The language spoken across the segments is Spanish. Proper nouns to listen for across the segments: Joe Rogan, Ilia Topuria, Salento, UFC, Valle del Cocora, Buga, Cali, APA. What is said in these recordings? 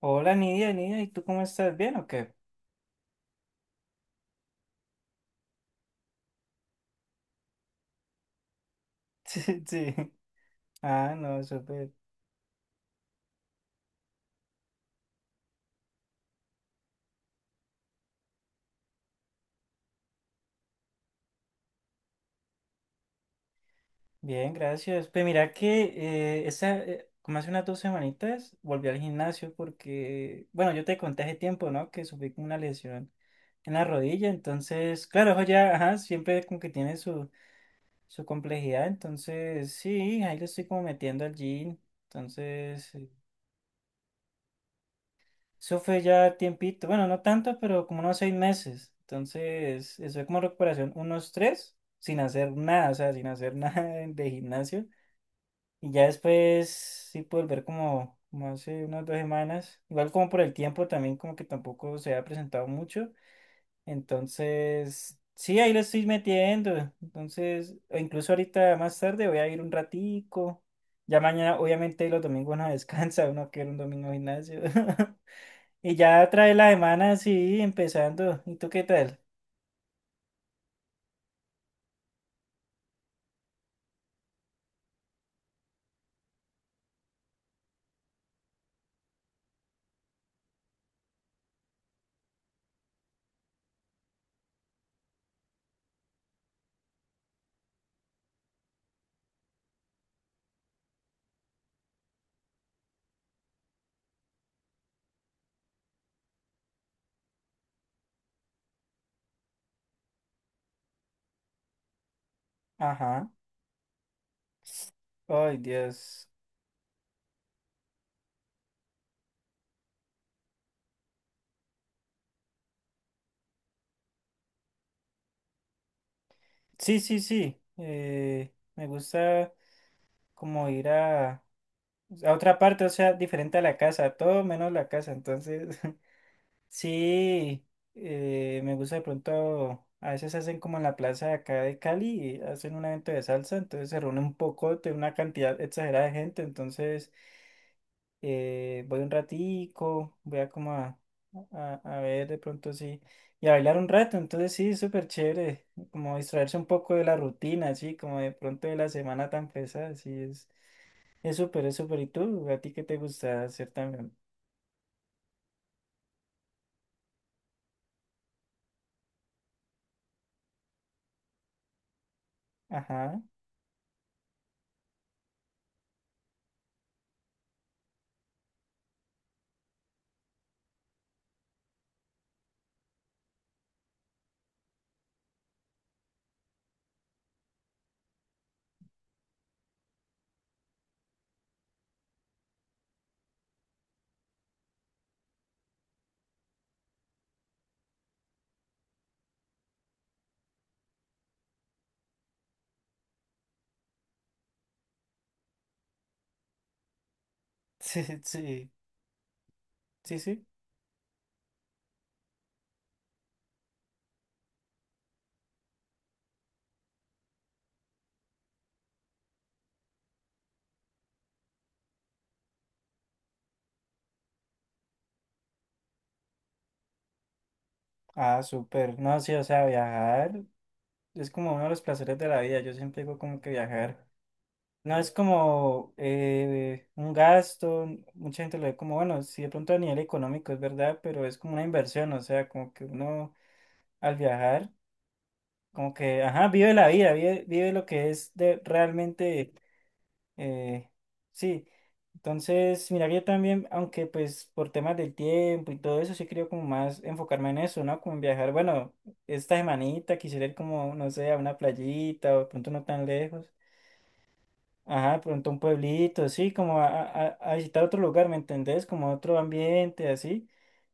Hola Nidia, Nidia, ¿y tú cómo estás? ¿Bien o qué? Sí, sí. Ah, no, súper. Bien, gracias. Pues mira que como hace unas dos semanitas volví al gimnasio porque, bueno, yo te conté hace tiempo, ¿no? Que sufrí con una lesión en la rodilla, entonces, claro, eso ya, ajá, siempre como que tiene su complejidad, entonces, sí, ahí le estoy como metiendo al gym, entonces, eso fue ya tiempito, bueno, no tanto, pero como unos seis meses. Entonces, eso fue como recuperación, unos tres, sin hacer nada, o sea, sin hacer nada de gimnasio. Y ya después sí pude volver como, como hace unas dos semanas. Igual como por el tiempo también, como que tampoco se ha presentado mucho. Entonces, sí, ahí lo estoy metiendo. Entonces, o incluso ahorita más tarde voy a ir un ratico. Ya mañana, obviamente, los domingos no descansa, uno quiere un domingo de gimnasio. Y ya trae la semana, sí, empezando. ¿Y tú qué tal? Ajá. Ay, Dios. Sí, sí, sí. Me gusta como ir a otra parte, o sea, diferente a la casa, todo menos la casa. Entonces, sí, me gusta de pronto, a veces hacen como en la plaza de acá de Cali, hacen un evento de salsa, entonces se reúne un poco, tiene una cantidad exagerada de gente, entonces... voy un ratico, voy a a ver de pronto sí, y a bailar un rato, entonces sí, súper chévere, como distraerse un poco de la rutina, sí, como de pronto de la semana tan pesada, sí, es súper, es súper, ¿y tú? ¿A ti qué te gusta hacer también? Ajá, sí, sí, sí, sí, sí. Ah, súper, no, sí, o sea, viajar es como uno de los placeres de la vida, yo siempre digo como que viajar. No es como un gasto, mucha gente lo ve como, bueno, sí de pronto a nivel económico es verdad, pero es como una inversión, o sea, como que uno al viajar, como que, ajá, vive la vida, vive, vive lo que es de realmente, eh, sí. Entonces, mira, que yo también, aunque pues por temas del tiempo y todo eso, sí creo como más enfocarme en eso, ¿no? Como en viajar, bueno, esta semanita quisiera ir como, no sé, a una playita o de pronto no tan lejos. Ajá, de pronto un pueblito, sí, como a visitar otro lugar, ¿me entendés? Como a otro ambiente, así.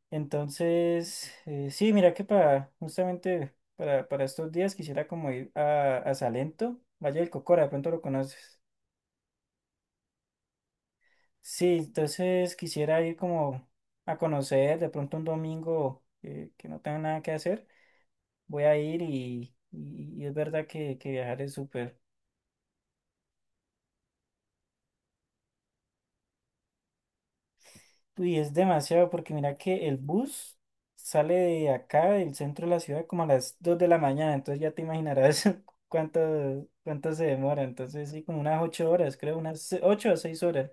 Entonces, sí, mira que para, justamente para estos días quisiera como ir a Salento, Valle del Cocora, de pronto lo conoces. Sí, entonces quisiera ir como a conocer, de pronto un domingo que no tenga nada que hacer, voy a ir y es verdad que viajar es súper. Uy, es demasiado porque mira que el bus sale de acá, del centro de la ciudad, como a las 2 de la mañana, entonces ya te imaginarás cuánto, cuánto se demora, entonces sí, como unas 8 horas, creo, ocho o 6 horas.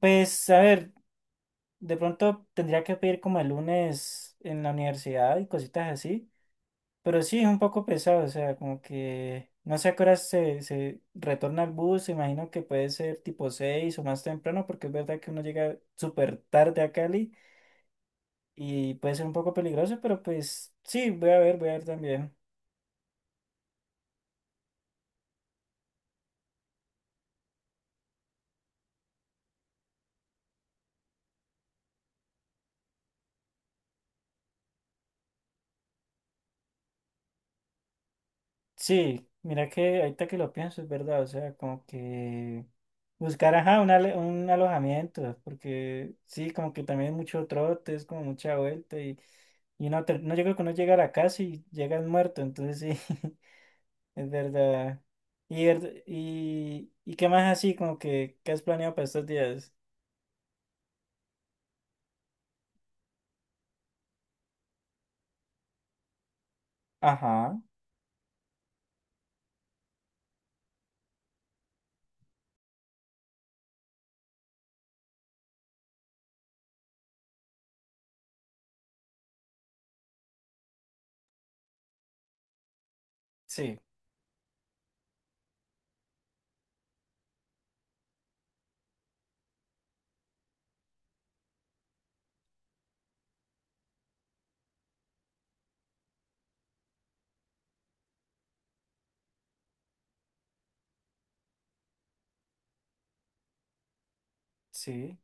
Pues a ver, de pronto tendría que pedir como el lunes en la universidad y cositas así, pero sí, es un poco pesado, o sea, como que no sé a qué horas se retorna el bus, imagino que puede ser tipo 6 o más temprano, porque es verdad que uno llega súper tarde a Cali. Y puede ser un poco peligroso, pero pues sí, voy a ver también. Sí, mira que ahorita que lo pienso, es verdad, o sea, como que buscar, ajá, un alojamiento, porque sí, como que también es mucho trote, es como mucha vuelta y no, no llega que uno llega a la casa y llegas muerto, entonces sí, es verdad. Y, y qué más así, como que, ¿qué has planeado para estos días? Ajá, sí, sí.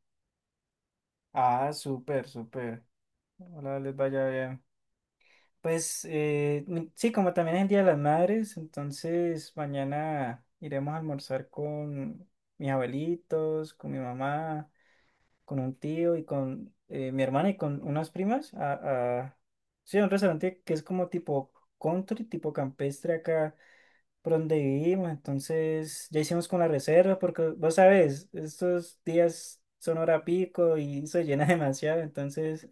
Ah, súper, súper. Hola, les vaya bien. Pues sí, como también es el Día de las Madres, entonces mañana iremos a almorzar con mis abuelitos, con mi mamá, con un tío y con mi hermana y con unas primas sí, a un restaurante que es como tipo country, tipo campestre acá por donde vivimos. Entonces ya hicimos con la reserva porque vos sabes, estos días son hora pico y se llena demasiado, entonces...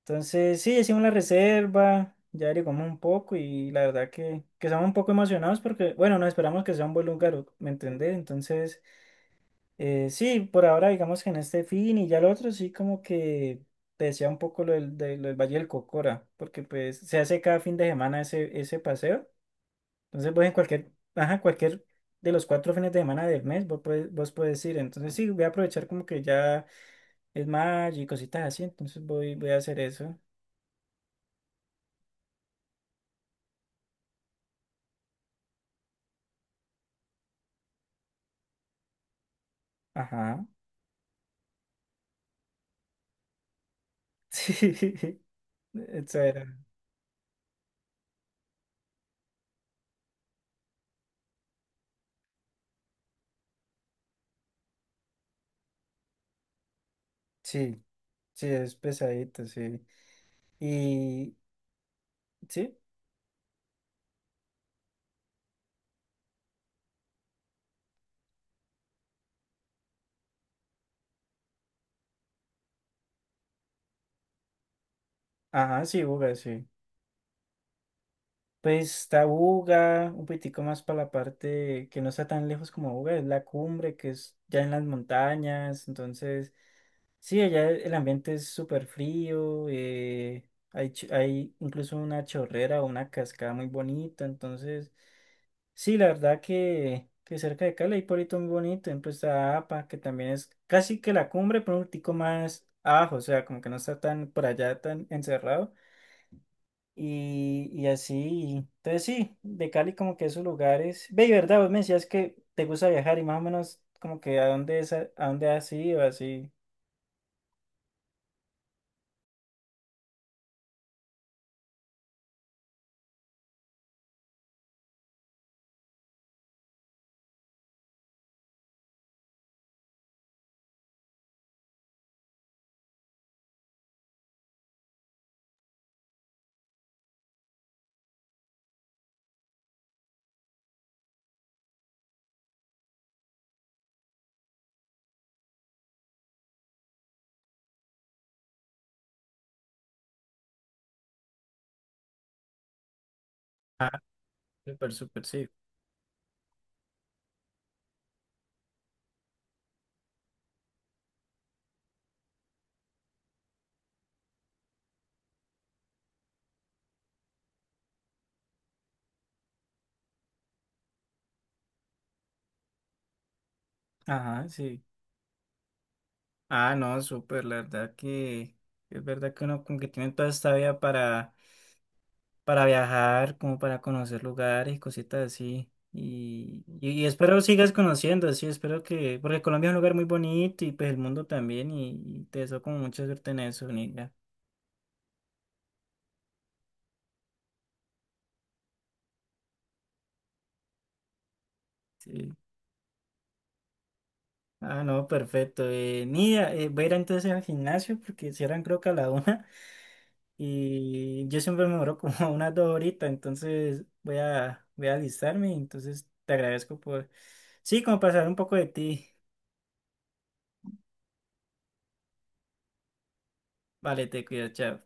Entonces, sí, hicimos la reserva, ya averiguamos un poco y la verdad que estamos un poco emocionados porque, bueno, no esperamos que sea un buen lugar, ¿me entendés? Entonces, sí, por ahora digamos que en este fin y ya el otro sí como que te decía un poco lo lo del Valle del Cocora, porque pues se hace cada fin de semana ese, ese paseo. Entonces, pues en cualquier, ajá, cualquier de los cuatro fines de semana del mes vos puedes ir. Entonces, sí, voy a aprovechar como que ya es mayo y cositas así, entonces voy, voy a hacer eso. Ajá. Sí, eso era. Sí, sí, es pesadito, sí. Y sí, ajá, sí, Buga, sí. Pues está Buga, un poquitico más para la parte que no está tan lejos como Buga, es la cumbre, que es ya en las montañas. Entonces, sí, allá el ambiente es súper frío, hay incluso una chorrera o una cascada muy bonita. Entonces, sí, la verdad que cerca de Cali hay pueblito muy bonito, ejemplo está APA, que también es casi que la cumbre, pero un tico más abajo, o sea, como que no está tan por allá, tan encerrado, y así, entonces sí, de Cali como que esos lugares, ve, y verdad, vos me decías que te gusta viajar y más o menos como que a dónde, es, a dónde has ido, así. Ah, súper, súper, sí. Ajá, sí. Ah, no, súper, la verdad que es verdad que uno como que tiene toda esta vida para viajar, como para conocer lugares y cositas así. Y espero sigas conociendo, así espero que, porque Colombia es un lugar muy bonito y pues el mundo también, y te deseo como mucha suerte en eso, Nidia. Sí. Ah, no, perfecto. Nidia, voy a ir entonces al gimnasio porque cierran creo que a la una. Y yo siempre me demoro como unas dos horitas, entonces voy a, voy a alistarme, entonces te agradezco por, sí, como pasar un poco de ti. Vale, te cuido, chao.